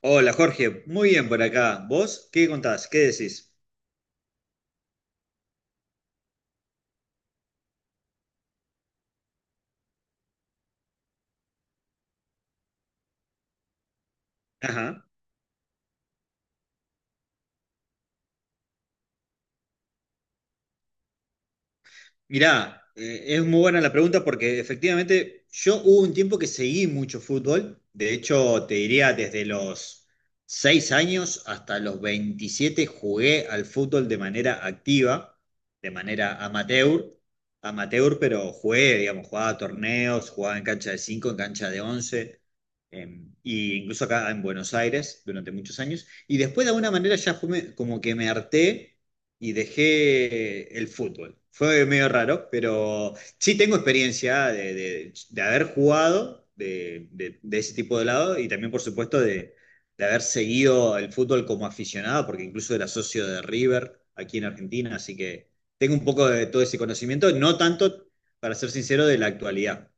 Hola Jorge, muy bien por acá. ¿Vos qué contás? ¿Qué decís? Ajá. Mirá, es muy buena la pregunta porque efectivamente yo hubo un tiempo que seguí mucho fútbol, de hecho te diría desde los 6 años hasta los 27 jugué al fútbol de manera activa, de manera amateur, amateur pero jugué, digamos, jugaba a torneos, jugaba en cancha de 5, en cancha de 11, y incluso acá en Buenos Aires durante muchos años, y después de alguna manera ya fue como que me harté y dejé el fútbol. Fue medio raro, pero sí tengo experiencia de, de haber jugado de, de ese tipo de lado y también, por supuesto, de haber seguido el fútbol como aficionado, porque incluso era socio de River aquí en Argentina, así que tengo un poco de todo ese conocimiento, no tanto, para ser sincero, de la actualidad.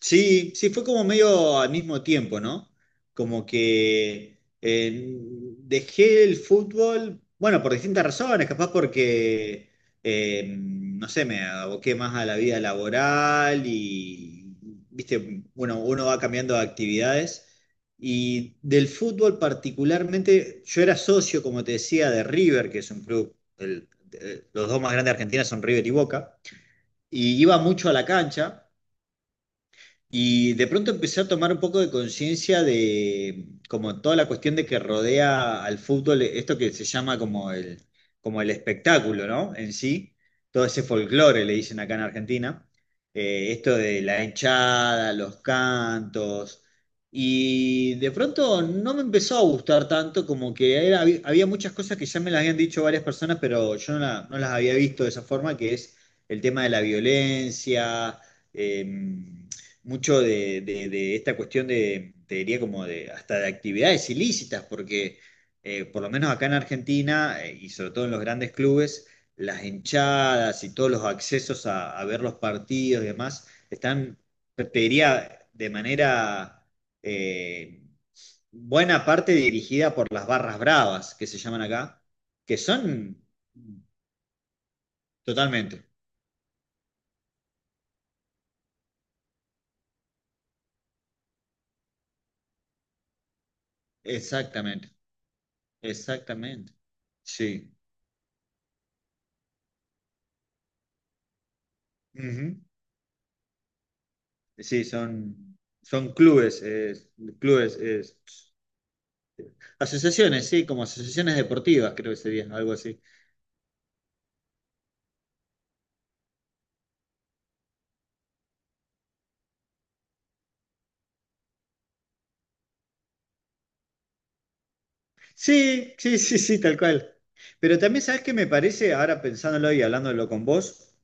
Sí, sí, fue como medio al mismo tiempo, ¿no? Como que dejé el fútbol, bueno, por distintas razones, capaz porque, no sé, me aboqué más a la vida laboral y, viste, bueno, uno va cambiando de actividades. Y del fútbol particularmente, yo era socio, como te decía, de River, que es un club, los dos más grandes de Argentina son River y Boca, y iba mucho a la cancha. Y de pronto empecé a tomar un poco de conciencia de como toda la cuestión de que rodea al fútbol, esto que se llama como el espectáculo, ¿no? En sí, todo ese folclore, le dicen acá en Argentina. Esto de la hinchada, los cantos, y de pronto no me empezó a gustar tanto, como que había muchas cosas que ya me las habían dicho varias personas, pero yo no, no las había visto de esa forma, que es el tema de la violencia. em, mucho de, de esta cuestión de, te diría como de, hasta de actividades ilícitas, porque por lo menos acá en Argentina y sobre todo en los grandes clubes, las hinchadas y todos los accesos a ver los partidos y demás están, te diría, de manera eh, buena parte dirigida por las barras bravas, que se llaman acá, que son totalmente, exactamente, exactamente, sí. Sí, son clubes, clubes, asociaciones, sí, como asociaciones deportivas, creo que sería algo así. Sí, sí, sí, sí, tal cual. Pero también, ¿sabes qué me parece? Ahora pensándolo y hablándolo con vos,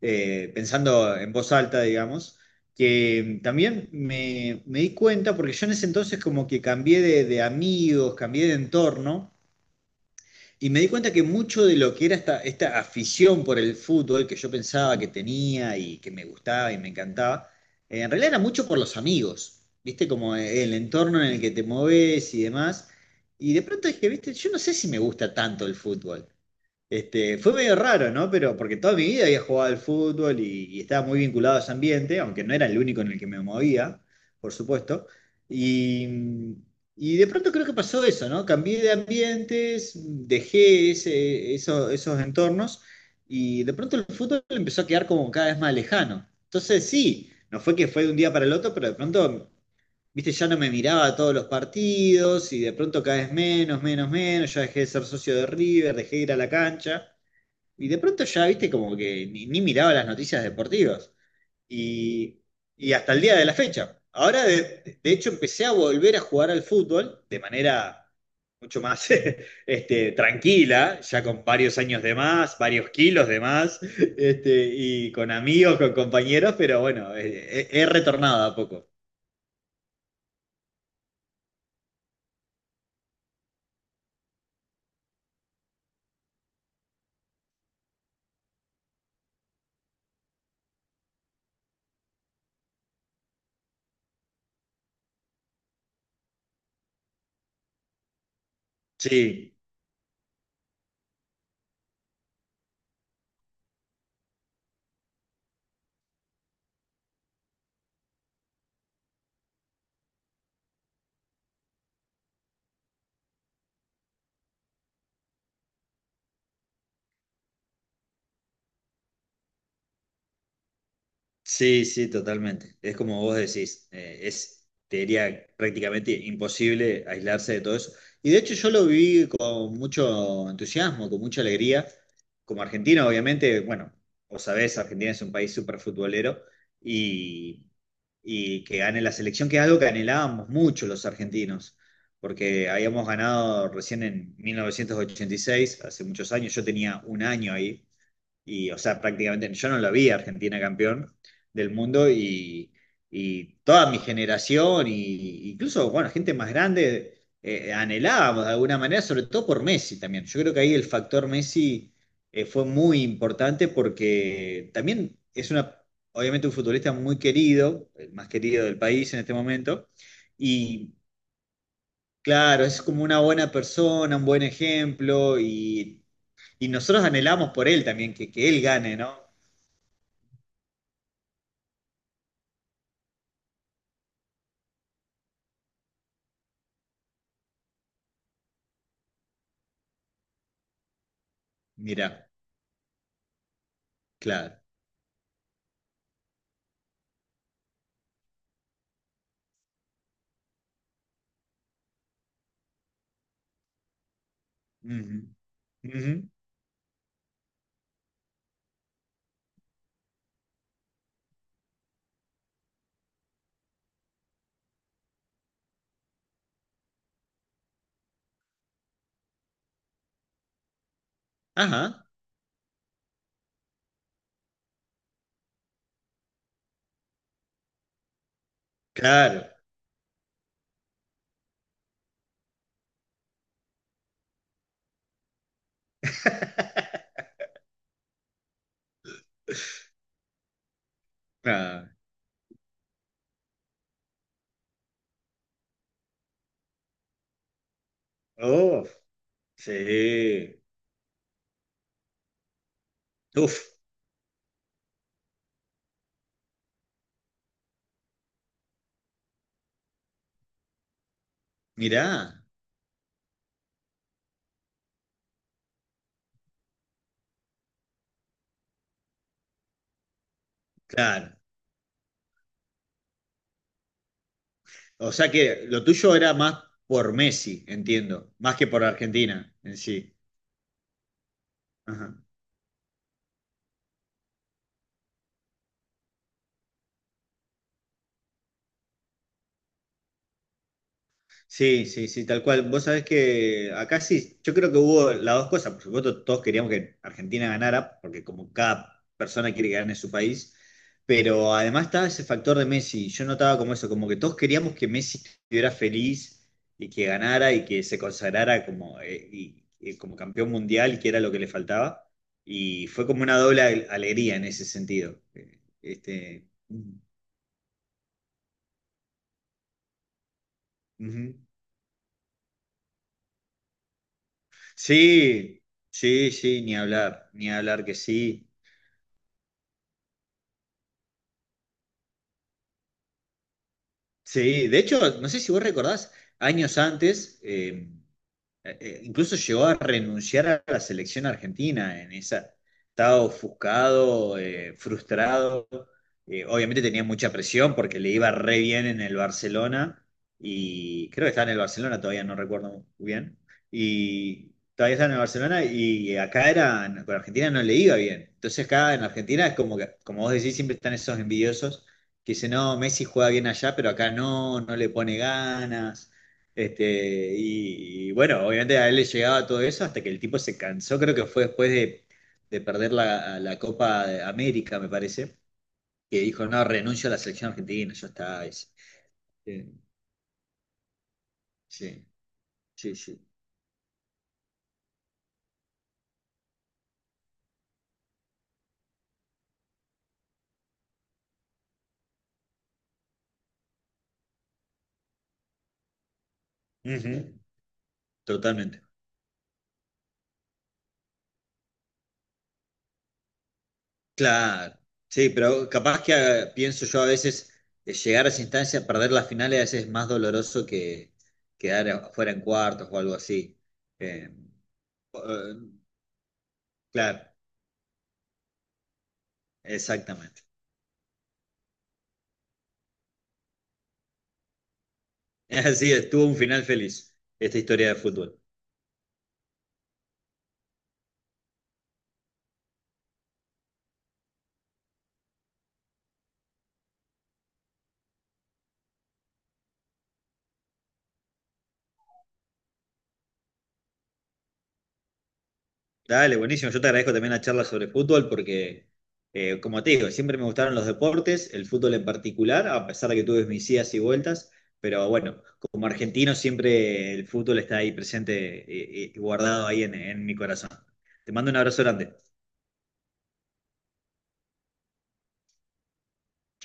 pensando en voz alta, digamos, que también me di cuenta, porque yo en ese entonces como que cambié de, amigos, cambié de entorno. Y me di cuenta que mucho de lo que era esta afición por el fútbol que yo pensaba que tenía y que me gustaba y me encantaba, en realidad era mucho por los amigos, ¿viste? Como el entorno en el que te moves y demás. Y de pronto dije, ¿viste? Yo no sé si me gusta tanto el fútbol. Este, fue medio raro, ¿no? Pero porque toda mi vida había jugado al fútbol y estaba muy vinculado a ese ambiente, aunque no era el único en el que me movía, por supuesto. Y, y de pronto creo que pasó eso, ¿no? Cambié de ambientes, dejé esos entornos y de pronto el fútbol empezó a quedar como cada vez más lejano. Entonces sí, no fue que fue de un día para el otro, pero de pronto viste, ya no me miraba todos los partidos y de pronto cada vez menos, menos, menos, ya dejé de ser socio de River, dejé de ir a la cancha y de pronto ya, viste, como que ni miraba las noticias deportivas y, y hasta el día de la fecha. Ahora, de hecho, empecé a volver a jugar al fútbol de manera mucho más este, tranquila, ya con varios años de más, varios kilos de más, este, y con amigos, con compañeros, pero bueno, he retornado a poco. Sí. Sí, sí, totalmente. Es como vos decís, es, te diría, prácticamente imposible aislarse de todo eso. Y de hecho yo lo viví con mucho entusiasmo, con mucha alegría. Como argentino, obviamente, bueno, vos sabés, Argentina es un país súper futbolero y, y que gane la selección, que es algo que anhelábamos mucho los argentinos, porque habíamos ganado recién en 1986, hace muchos años, yo tenía un año ahí o sea, prácticamente yo no lo vi a Argentina campeón del mundo y toda mi generación, y, incluso, bueno, gente más grande, anhelábamos de alguna manera, sobre todo por Messi también. Yo creo que ahí el factor Messi fue muy importante porque también es una, obviamente un futbolista muy querido, el más querido del país en este momento, y claro, es como una buena persona, un buen ejemplo, y nosotros anhelamos por él también, que él gane, ¿no? Mira, claro. Ujú, ujú. Ajá, claro. Ah, uf, sí. Uf, mirá, claro. O sea que lo tuyo era más por Messi, entiendo, más que por Argentina en sí. Ajá. Sí, sí, sí, tal cual. Vos sabés que acá sí, yo creo que hubo las dos cosas. Por supuesto, todos queríamos que Argentina ganara, porque como cada persona quiere que gane su país, pero además estaba ese factor de Messi. Yo notaba como eso, como que todos queríamos que Messi estuviera feliz y que ganara y que se consagrara como, y como campeón mundial, que era lo que le faltaba. Y fue como una doble alegría en ese sentido. Este, ujú. Sí, sí, sí, ni hablar, ni hablar que sí. Sí, de hecho, no sé si vos recordás, años antes, incluso llegó a renunciar a la selección argentina en esa. Estaba ofuscado, frustrado. Obviamente tenía mucha presión porque le iba re bien en el Barcelona. Y creo que estaba en el Barcelona, todavía no recuerdo muy bien. Y todavía estaba en el Barcelona y acá era, con Argentina no le iba bien. Entonces acá en Argentina es como que, como vos decís, siempre están esos envidiosos que dicen, no, Messi juega bien allá, pero acá no, no le pone ganas. Y bueno, obviamente a él le llegaba todo eso hasta que el tipo se cansó, creo que fue después de perder la Copa de América, me parece, que dijo, no, renuncio a la selección argentina, ya está, dice. Sí, sí, sí. Sí. Ujú. Totalmente. Claro. Sí, pero capaz que ah, pienso yo a veces llegar a esa instancia, perder las finales a veces es más doloroso que quedar afuera en cuartos o algo así. Eh, eh, claro, exactamente. Así es, tuvo un final feliz esta historia de fútbol. Dale, buenísimo. Yo te agradezco también la charla sobre fútbol porque, como te digo, siempre me gustaron los deportes, el fútbol en particular, a pesar de que tuve mis idas y vueltas. Pero bueno, como argentino siempre el fútbol está ahí presente y guardado ahí en mi corazón. Te mando un abrazo grande. Chau.